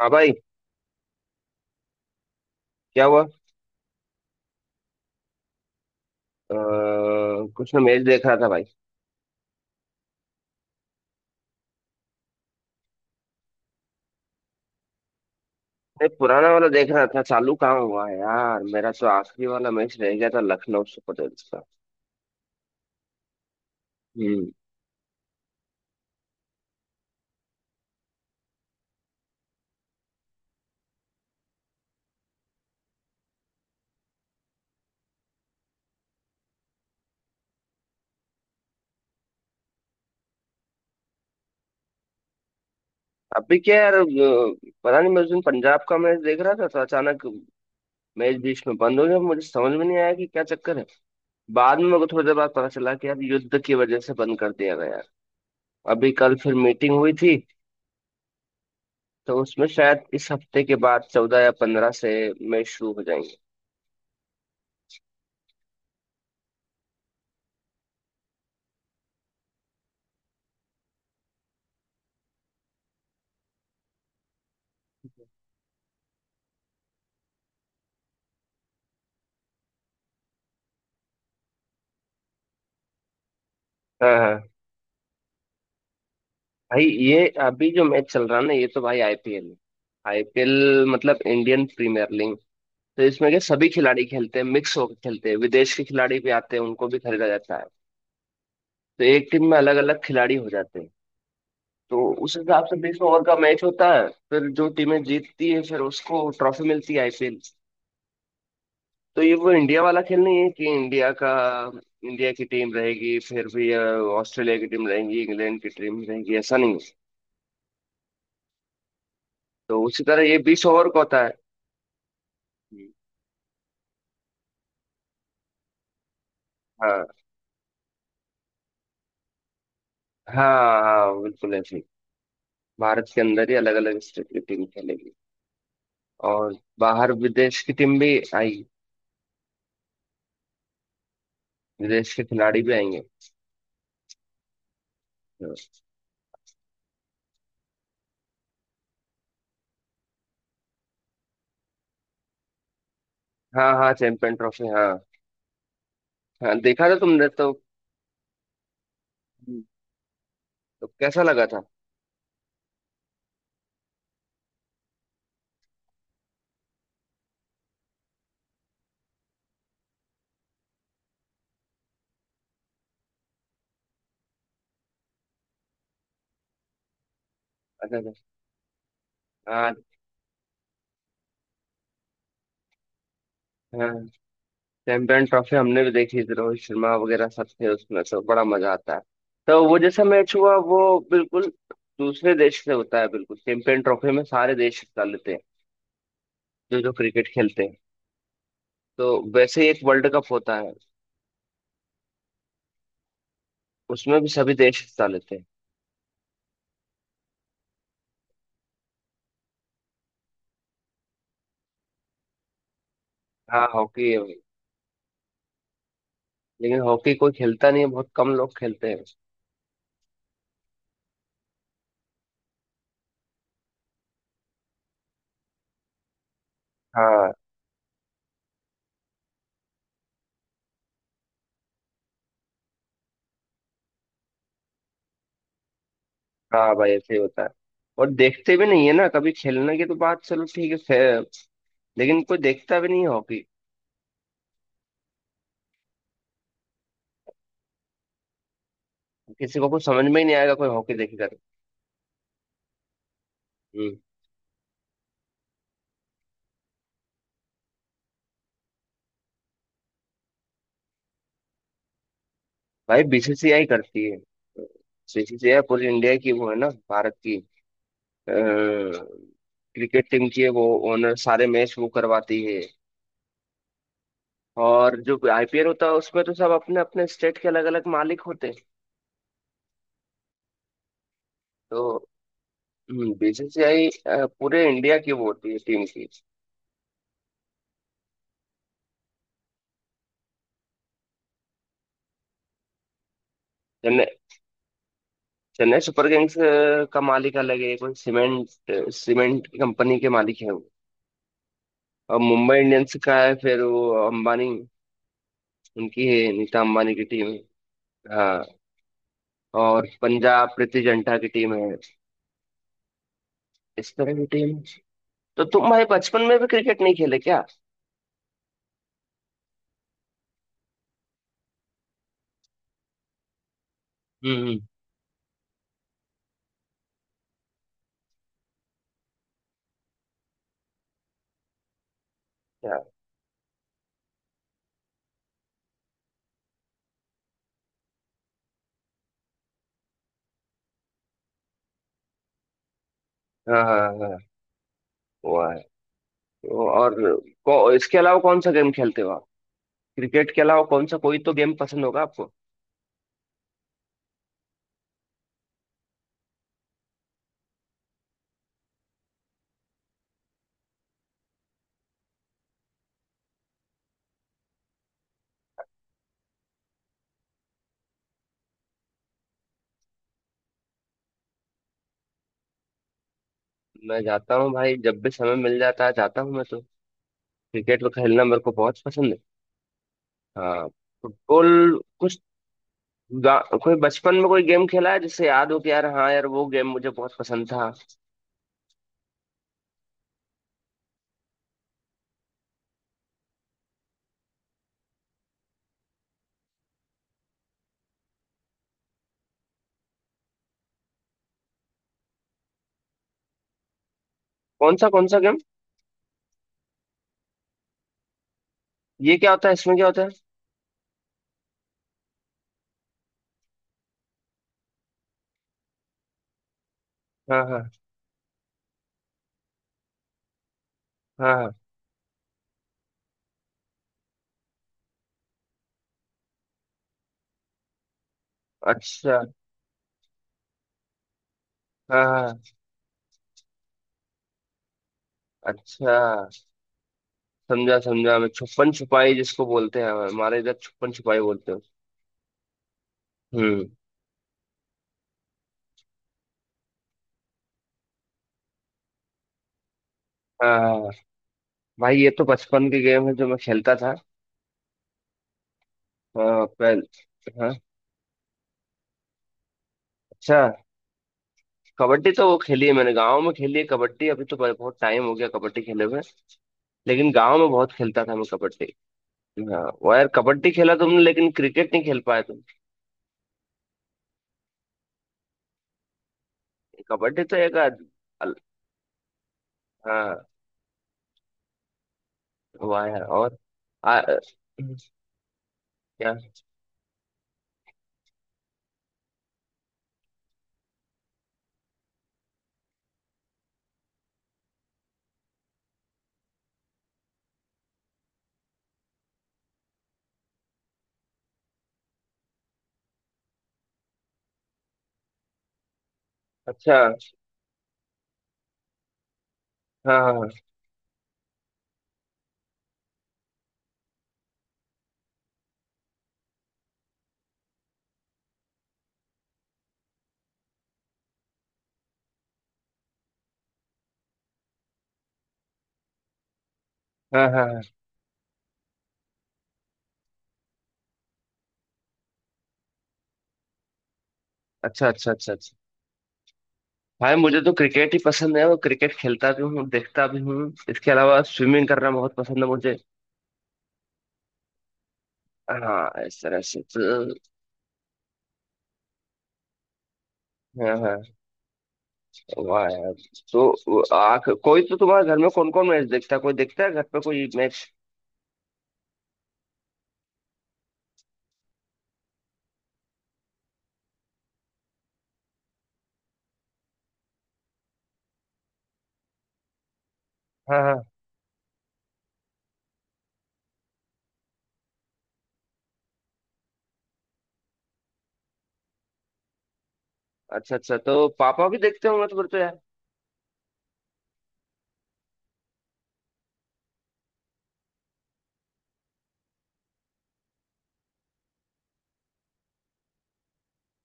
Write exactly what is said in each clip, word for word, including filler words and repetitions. हाँ भाई। क्या हुआ? आ, कुछ ना, मैच देख रहा था भाई। नहीं, पुराना वाला देख रहा था। चालू कहाँ हुआ है यार, मेरा तो आखिरी वाला मैच रह गया था लखनऊ सुपर जयंट्स का। हम्म। अभी क्या यार अ, पता नहीं, मैं उस दिन पंजाब का मैच देख रहा था तो अचानक मैच बीच में बंद हो गया, मुझे समझ में नहीं आया कि क्या चक्कर है। बाद में मेरे को थोड़ी देर बाद पता चला कि यार युद्ध की वजह से बंद कर दिया गया। अभी कल फिर मीटिंग हुई थी तो उसमें शायद इस हफ्ते के बाद चौदह या पंद्रह से मैच शुरू हो जाएंगे। हाँ हाँ, भाई ये अभी जो मैच चल रहा है ना ये तो भाई आईपीएल है। आईपीएल मतलब इंडियन प्रीमियर लीग। तो इसमें के सभी खिलाड़ी खेलते हैं, मिक्स होकर खेलते हैं, विदेश के खिलाड़ी भी आते हैं, उनको भी खरीदा जाता है। तो एक टीम में अलग अलग खिलाड़ी हो जाते हैं। तो उस हिसाब से बीस ओवर का मैच होता है, फिर जो टीमें जीतती है फिर उसको ट्रॉफी मिलती है, आईपीएल। तो ये वो इंडिया वाला खेल नहीं है कि इंडिया का इंडिया की टीम रहेगी, फिर भी अ, ऑस्ट्रेलिया की टीम रहेगी, इंग्लैंड की टीम रहेगी, ऐसा नहीं है। तो उसी तरह ये बीस ओवर का होता है। हाँ हाँ हाँ, बिल्कुल ऐसे ही। भारत के अंदर ही अलग अलग स्टेट की टीम खेलेगी और बाहर विदेश की टीम भी आएगी, विदेश के खिलाड़ी भी आएंगे। हाँ हाँ चैंपियन ट्रॉफी, हाँ। हाँ देखा था तुमने तो। तो कैसा लगा था? अच्छा अच्छा। हाँ हाँ चैंपियन ट्रॉफी हमने भी देखी थी, रोहित शर्मा वगैरह सब थे, उसमें तो बड़ा मजा आता है। तो वो जैसा मैच हुआ वो बिल्कुल दूसरे देश से होता है, बिल्कुल चैंपियन ट्रॉफी में सारे देश हिस्सा लेते हैं जो जो क्रिकेट खेलते हैं। तो वैसे ही एक वर्ल्ड कप होता है, उसमें भी सभी देश हिस्सा लेते हैं। हाँ हॉकी है भाई, लेकिन हॉकी कोई खेलता नहीं है, बहुत कम लोग खेलते हैं। हाँ हाँ भाई ऐसे ही होता है। और देखते भी नहीं है ना, कभी खेलने की तो बात चलो ठीक है। फे- लेकिन कोई देखता भी नहीं है हॉकी। किसी को कुछ समझ में ही नहीं आएगा कोई हॉकी देखेगा तो। हम्म। भाई बीसीसीआई करती है। बीसीसीआई पूरी इंडिया की वो है ना, भारत की क्रिकेट टीम की है वो। ओनर सारे मैच वो करवाती है। और जो आईपीएल होता है उसमें तो सब अपने अपने स्टेट के अलग अलग मालिक होते हैं। तो बीसीसीआई पूरे इंडिया की वो होती है टीम की। चेन्नई चेन्नई सुपर किंग्स अ, का मालिक अलग है, कोई सीमेंट सीमेंट की कंपनी के मालिक है वो। और मुंबई इंडियंस का है फिर वो अंबानी, उनकी है, नीता अंबानी की टीम है। हाँ। और पंजाब प्रीति जिंटा की टीम है। इस तरह की टीम है। तो तुम भाई बचपन में भी क्रिकेट नहीं खेले क्या? हम्म हम्म। क्या? हाँ हाँ हाँ वो है। तो और को, इसके अलावा कौन सा गेम खेलते हो आप? क्रिकेट के अलावा कौन सा, कोई तो गेम पसंद होगा आपको? मैं जाता हूँ भाई, जब भी समय मिल जाता है जाता हूँ मैं तो। क्रिकेट में खेलना मेरे को बहुत पसंद है। हाँ फुटबॉल कुछ गा- कोई बचपन में कोई गेम खेला है जिससे याद हो कि यार हाँ यार वो गेम मुझे बहुत पसंद था? कौन सा कौन सा गेम? ये क्या होता है, इसमें क्या होता है? हाँ हाँ हाँ हाँ, अच्छा हाँ हाँ। अच्छा समझा समझा, मैं छुपन छुपाई जिसको बोलते हैं, हमारे इधर छुपन छुपाई बोलते हैं। हम्म। हाँ हाँ, भाई ये तो बचपन के गेम है जो मैं खेलता था। हाँ पहले। हाँ अच्छा। कबड्डी तो वो खेली है मैंने, गांव में खेली है कबड्डी। अभी तो ब- बहुत टाइम हो गया कबड्डी खेले हुए। लेकिन गांव में बहुत खेलता था मैं कबड्डी। हाँ वो यार कबड्डी खेला तुमने लेकिन क्रिकेट नहीं खेल पाए तुम। कबड्डी तो एक अद- अल- हाँ हुआ है और आ, क्या? अच्छा हाँ हाँ हाँ हाँ हाँ। अच्छा अच्छा अच्छा अच्छा। भाई मुझे तो क्रिकेट ही पसंद है, और क्रिकेट खेलता भी हूँ देखता भी हूँ। इसके अलावा स्विमिंग करना बहुत पसंद है मुझे। हाँ इस तरह से तो। हाँ हाँ। वाह यार। तो वो आख कोई तो तुम्हारे घर में कौन कौन मैच देखता है, कोई देखता है घर पे कोई मैच? हाँ हाँ। अच्छा अच्छा तो पापा भी देखते होंगे तो फिर तो यार।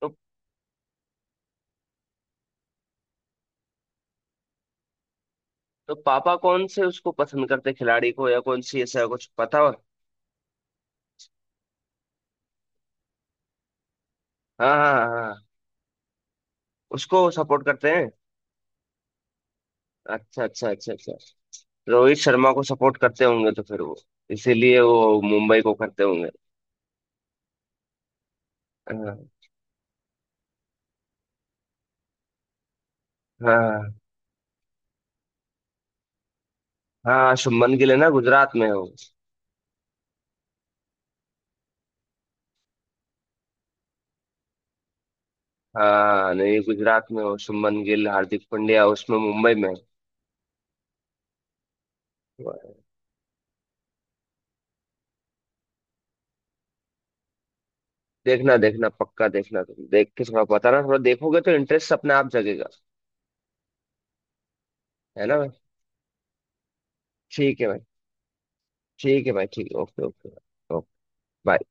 तो, तो पापा कौन से उसको पसंद करते हैं, खिलाड़ी को, या कौन सी, ऐसा कुछ पता हो? हाँ हाँ हाँ हाँ। उसको सपोर्ट करते हैं। अच्छा अच्छा अच्छा अच्छा। रोहित शर्मा को सपोर्ट करते होंगे तो फिर वो इसीलिए वो मुंबई को करते होंगे। हाँ हाँ हाँ हाँ, शुभमन गिल है ना, गुजरात में हो। हाँ नहीं, गुजरात में हो शुभमन गिल हार्दिक पांड्या, उसमें मुंबई में है। देखना देखना पक्का देखना, तुम देख के थोड़ा बताना, थोड़ा देखोगे तो इंटरेस्ट अपने आप जगेगा। है ना भाई? ठीक है भाई, ठीक है भाई, ठीक है, ओके ओके। Okay, bye.